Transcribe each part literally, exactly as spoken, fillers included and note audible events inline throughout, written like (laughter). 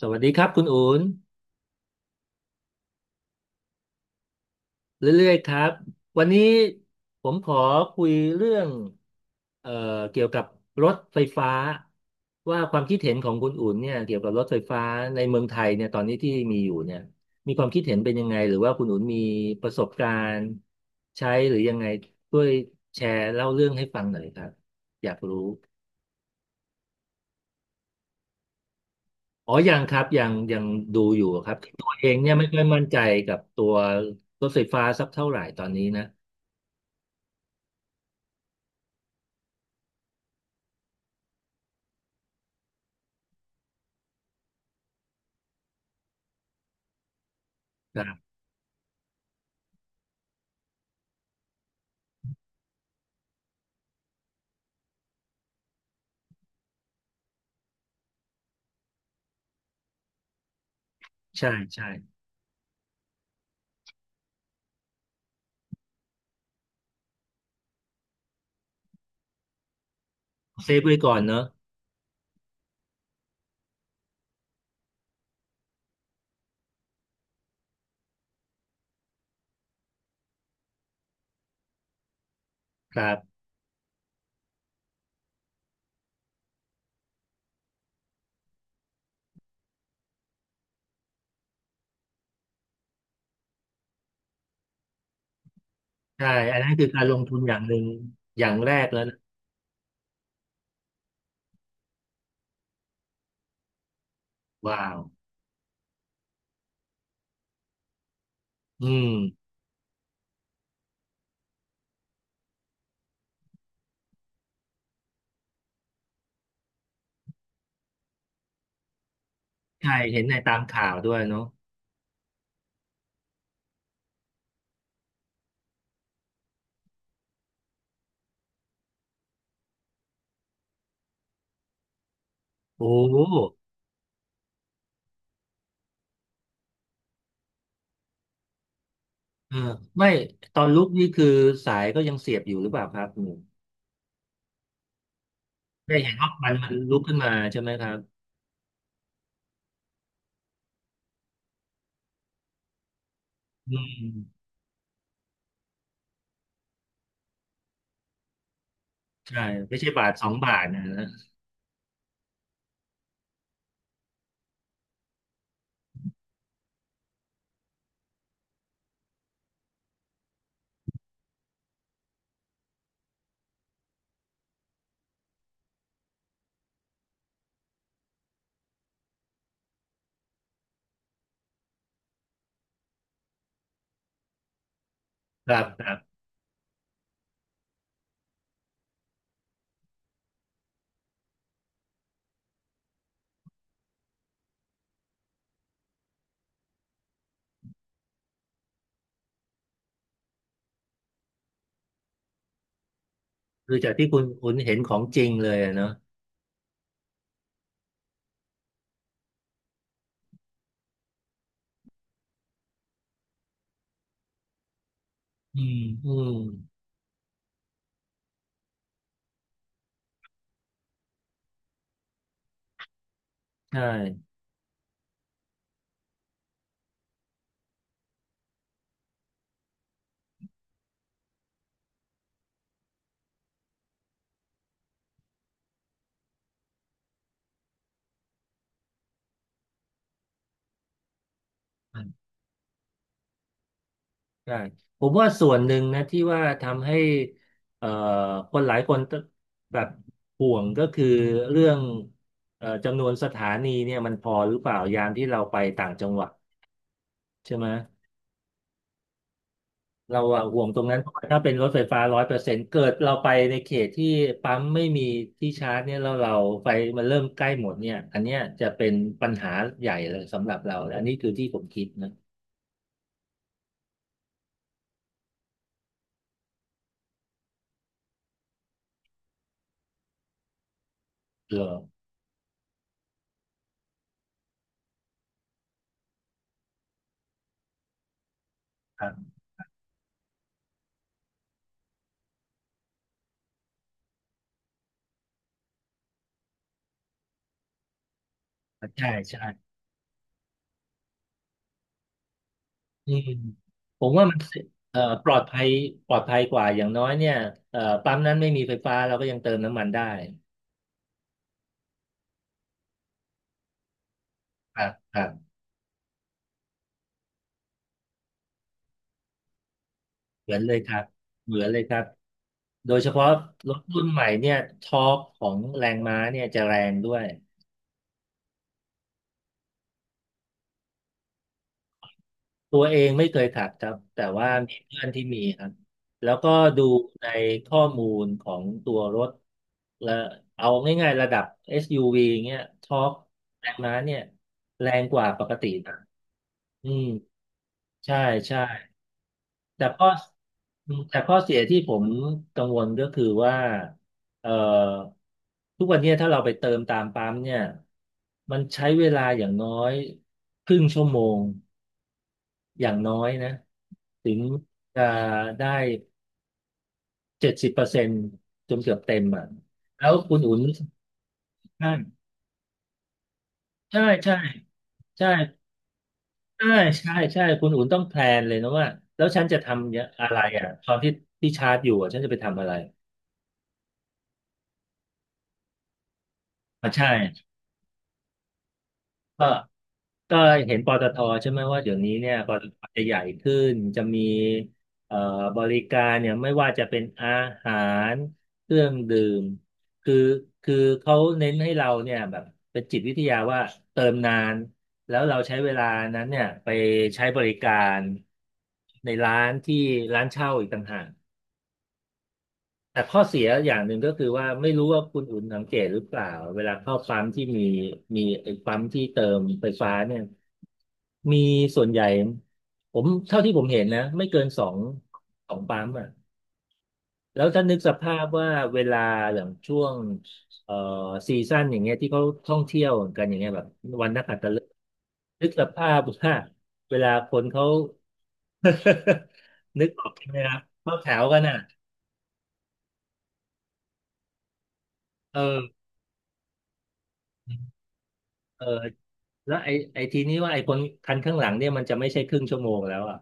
สวัสดีครับคุณอูนเรื่อยๆครับ วันนี้ผมขอคุยเรื่องเอ่อเกี่ยวกับรถไฟฟ้าว่าความคิดเห็นของคุณอูนเนี่ยเกี่ยวกับรถไฟฟ้าในเมืองไทยเนี่ยตอนนี้ที่มีอยู่เนี่ยมีความคิดเห็นเป็นยังไงหรือว่าคุณอูนมีประสบการณ์ใช้หรือยังไงช่วยแชร์เล่าเรื่องให้ฟังหน่อยครับอยากรู้อ๋อยังครับยังยังดูอยู่ครับตัวเองเนี่ยไม่ค่อยมั่นใจกับตัวรถไฟฟ้าสักเท่าไหร่ตอนนี้นะ ใช่ใช่เซฟไว้ก่อนเนอะครับใช่อันนั้นคือการลงทุนอย่างหนึ่งอย่างแรกแล้วนะว้าวอืมใช่เห็นในตามข่าวด้วยเนาะโอ้โหเออไม่ตอนลุกนี่คือสายก็ยังเสียบอยู่หรือเปล่าครับหนูได้เห็นว่ามันมันลุกขึ้นมาใช่ไหมครับอืมใช่ไม่ใช่บาทสองบาทนะนะครับครับคือจากที่คุณคุณเห็นของจริงเลยอะเนาะอืมอืมใช่ ใช่ผมว่าส่วนหนึ่งนะที่ว่าทำให้เอ่อคนหลายคนแบบห่วงก็คือเรื่องเอ่อจำนวนสถานีเนี่ยมันพอหรือเปล่ายามที่เราไปต่างจังหวัดใช่ไหมเราอะห่วงตรงนั้นเพราะว่าถ้าเป็นรถไฟฟ้าร้อยเปอร์เซ็นต์เกิดเราไปในเขตที่ปั๊มไม่มีที่ชาร์จเนี่ยแล้วเราไฟมันเริ่มใกล้หมดเนี่ยอันเนี้ยจะเป็นปัญหาใหญ่เลยสำหรับเราและอันนี้คือที่ผมคิดนะเออครับใช่ใช่ อืมผมว่ามันเอ่อปลอดภัยปลอดภัยกว่าอย่างน้อยเนี่ยเอ่อปั๊มนั้นไม่มีไฟฟ้าเราก็ยังเติมน้ำมันได้ครับครับเหมือนเลยครับเหมือนเลยครับโดยเฉพาะรถรุ่นใหม่เนี่ยทอร์กของแรงม้าเนี่ยจะแรงด้วยตัวเองไม่เคยขับครับแต่ว่ามีเพื่อนที่มีครับแล้วก็ดูในข้อมูลของตัวรถและเอาง่ายๆระดับ เอส ยู วี เงี้ยทอร์กแรงม้าเนี่ยแรงกว่าปกตินะอืม ใช่ใช่แต่ข้อแต่ข้อเสียที่ผมกังวลก็คือว่าเอ่อทุกวันเนี้ยถ้าเราไปเติมตามปั๊มเนี่ยมันใช้เวลาอย่างน้อยครึ่งชั่วโมงอย่างน้อยนะถึงจะได้เจ็ดสิบเปอร์เซ็นต์จนเกือบเต็มอ่ะแล้วคุณอุ่นใช่ใช่ใช่ใช่ใช่ใช่คุณอุ่นต้องแพลนเลยนะว่าแล้วฉันจะทำอะไรอ่ะตอนที่ที่ชาร์จอยู่อะฉันจะไปทำอะไรอ่ะใช่ ก็ก็เห็นปตทใช่ไหมว่าเดี๋ยวนี้เนี่ยปตทจะใหญ่ขึ้นจะมีเอ่อบริการเนี่ยไม่ว่าจะเป็นอาหารเครื่องดื่มคือคือเขาเน้นให้เราเนี่ยแบบเป็นจิตวิทยาว่าเติมนานแล้วเราใช้เวลานั้นเนี่ยไปใช้บริการในร้านที่ร้านเช่าอีกต่างหาก แต่ข้อเสียอย่างหนึ่งก็คือว่าไม่รู้ว่าคุณอุ่นสังเกตหรือเปล่าเวลาเข้าปั๊มที่มีมีไอ้ปั๊มที่เติมไฟฟ้าเนี่ยมีส่วนใหญ่ผมเท่าที่ผมเห็นนะไม่เกินสองสองปั๊มอ่ะแล้วถ้านึกสภาพว่าเวลาอย่างช่วงเอ่อซีซั่นอย่างเงี้ยที่เขาท่องเที่ยวกันอย่างเงี้ยแบบวันนักขัตฤกษ์นึกสภาพว่าเวลาคนเขา (laughs) นึกออกใช่ไหมครับเข้าแถวกันอ่ะเออ เออแล้วไอ้ไอ้ทีนี้ว่าไอ้คนคันข้างหลังเนี่ยมันจะไม่ใช่ครึ่งชั่วโมงแล้วอ่ะ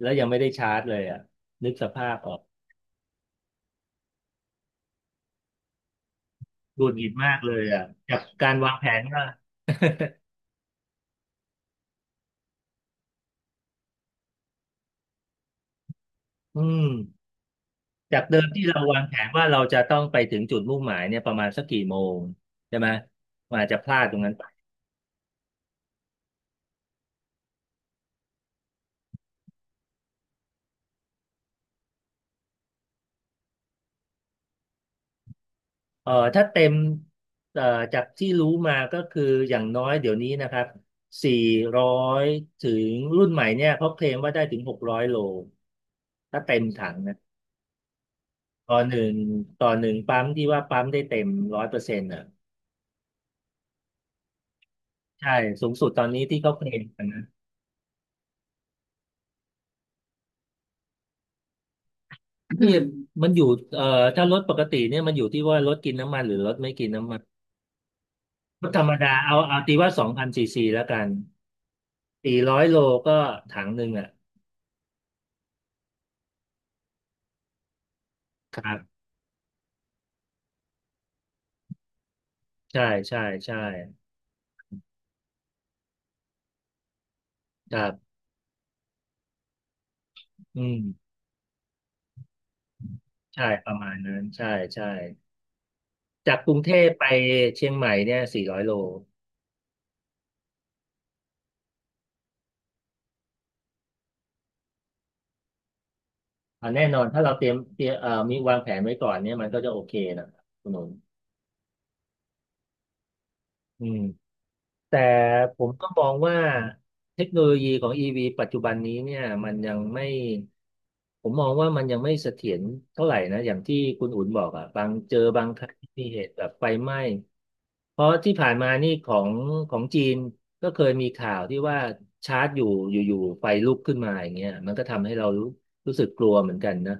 แล้วยังไม่ได้ชาร์จเลยอ่ะนึกสภาพออกหงุดหงิดมากเลยอ่ะจากการวางแผนว่าอืมจากเดิมที่เราวางแผนว่าเราจะต้องไปถึงจุดมุ่งหมายเนี่ยประมาณสักกี่โมงใช่ไหมมันอาจจะพลาดตรงนั้นไปเออถ้าเต็มเอ่อจากที่รู้มาก็คืออย่างน้อยเดี๋ยวนี้นะครับสี่ร้อยถึงรุ่นใหม่เนี่ยเขาเคลมว่าได้ถึงหกร้อยโลถ้าเต็มถัง ต่อหนึ่งต่อหนึ่งปั๊มที่ว่าปั๊มได้เต็มร้อยเปอร์เซ็นต์อ่ะใช่สูงสุดตอนนี้ที่เขาเคลมกันนะนี่มันอยู่เอ่อถ้ารถปกติเนี่ยมันอยู่ที่ว่ารถกินน้ำมันหรือรถไม่กินน้ำมันรถธรรมดาเอาเอาตีว่าสองพันซีซีแล้วกันสี่ร้อยโลก็ถังหนึ่งอ่ะครับใช่ใช่ใช่ครับอืมใช่ประมาณนั้นใช่ใช่จากกรุงเทพไปเชียงใหม่เนี่ยสี่ร้อยโลอ่ะแน่นอนถ้าเราเตรียมเตรียมเอ่อมีวางแผนไว้ก่อนเนี่ยมันก็จะโอเคนะคุณหนุนอืม แต่ผมก็มองว่าเทคโนโลยีของ อี วี ปัจจุบันนี้เนี่ยมันยังไม่ผมมองว่ามันยังไม่เสถียรเท่าไหร่นะอย่างที่คุณอุ่นบอกอ่ะบางเจอบางครั้งมีเหตุแบบไฟไหม้เพราะที่ผ่านมานี่ของของจีนก็เคยมีข่าวที่ว่าชาร์จอยู่อยู่ๆไฟลุกขึ้นมาอย่างเงี้ยมันก็ทำให้เรารู้รู้สึกกลัวเหมือนกันนะ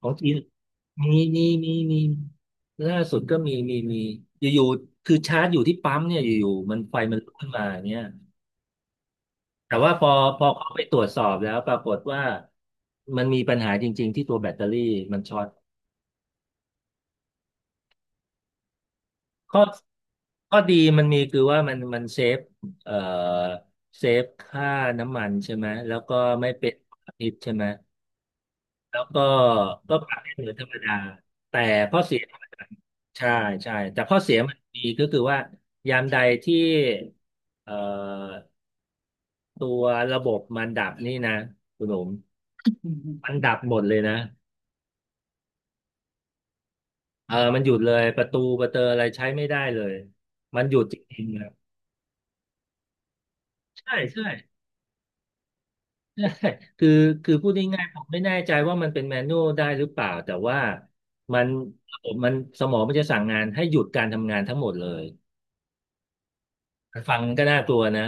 ของจีน มีมีมีมีล่าสุดก็มีมีมีอยู่ๆคือชาร์จอยู่ที่ปั๊มเนี่ยอยู่ๆมันไฟมันลุกขึ้นมาเนี่ยแต่ว่าพอพอเขาไปตรวจสอบแล้วปรากฏว่ามันมีปัญหาจริงๆที่ตัวแบตเตอรี่มันช็อตข้อข้อดีมันมีคือว่ามันมันเซฟเอ่อเซฟค่าน้ำมันใช่ไหมแล้วก็ไม่เป็นพิษใช่ไหม แล้วก็ก็ปรับให้เหมือนธรรมดาแต่ข้อเสียมใช่ใช่แต่ข้อเสียมันมีก็คือว่ายามใดที่เอ่อตัวระบบมันดับนี่นะคุณหนุ่มมันดับหมดเลยนะเออมันหยุดเลยประตูประเตออะไรใช้ไม่ได้เลยมันหยุดจริงๆครับใช่ใช่ (laughs) ใช่คือคือพูดง่ายๆผมไม่แน่ใจว่ามันเป็นแมนนวลได้หรือเปล่าแต่ว่ามันระบบมันสมองมันจะสั่งงานให้หยุดการทำงานทั้งหมดเลยฟังก็น่ากลัวนะ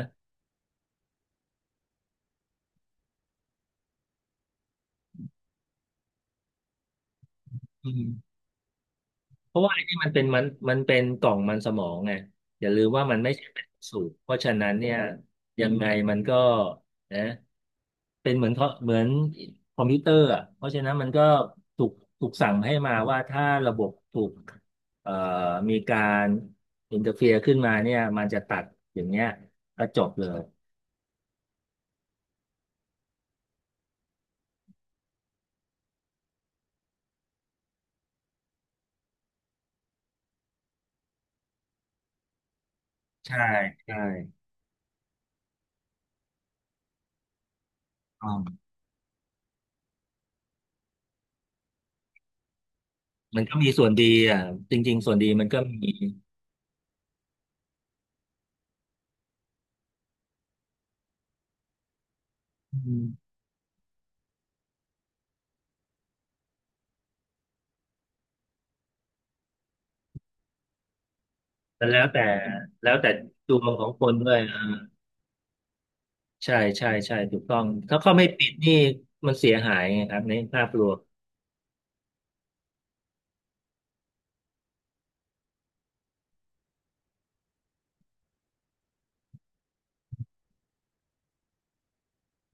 อืมเพราะว่าไอ้นี่มันเป็นมันมันเป็นกล่องมันสมองไงอย่าลืมว่ามันไม่ใช่เป็นสูบเพราะฉะนั้นเนี่ยยังไงมันก็นะเป็นเหมือนเขาเหมือนคอมพิวเตอร์อ่ะเพราะฉะนั้นมันก็ถูกถูกสั่งให้มาว่าถ้าระบบถูกเอ่อมีการอินเตอร์เฟียขึ้นมาเนี่ยมันจะตัดอย่างเงี้ยก็จบเลยใช่ใช่อ่ามันก็มีส่วนดีอ่ะจริงๆส่วนดีมันก็มีอืม มันแล้วแต่แล้วแต่ดวงของคนด้วยอ่าใช่ใช่ใช่ถูกต้องถ้าเขาไม่ปิดนี่มันเสียหายไงครับในภาพรวม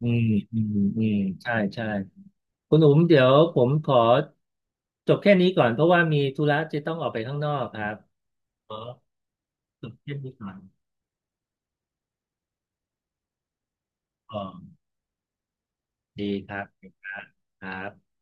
อืมอืมอืมใช่ใช่คุณอุ๋มเดี๋ยวผมขอจบแค่นี้ก่อนเพราะว่ามีธุระจะต้องออกไปข้างนอกครับขอจบแค่นี้ก่อนอ๋อดีครับดีครับครับ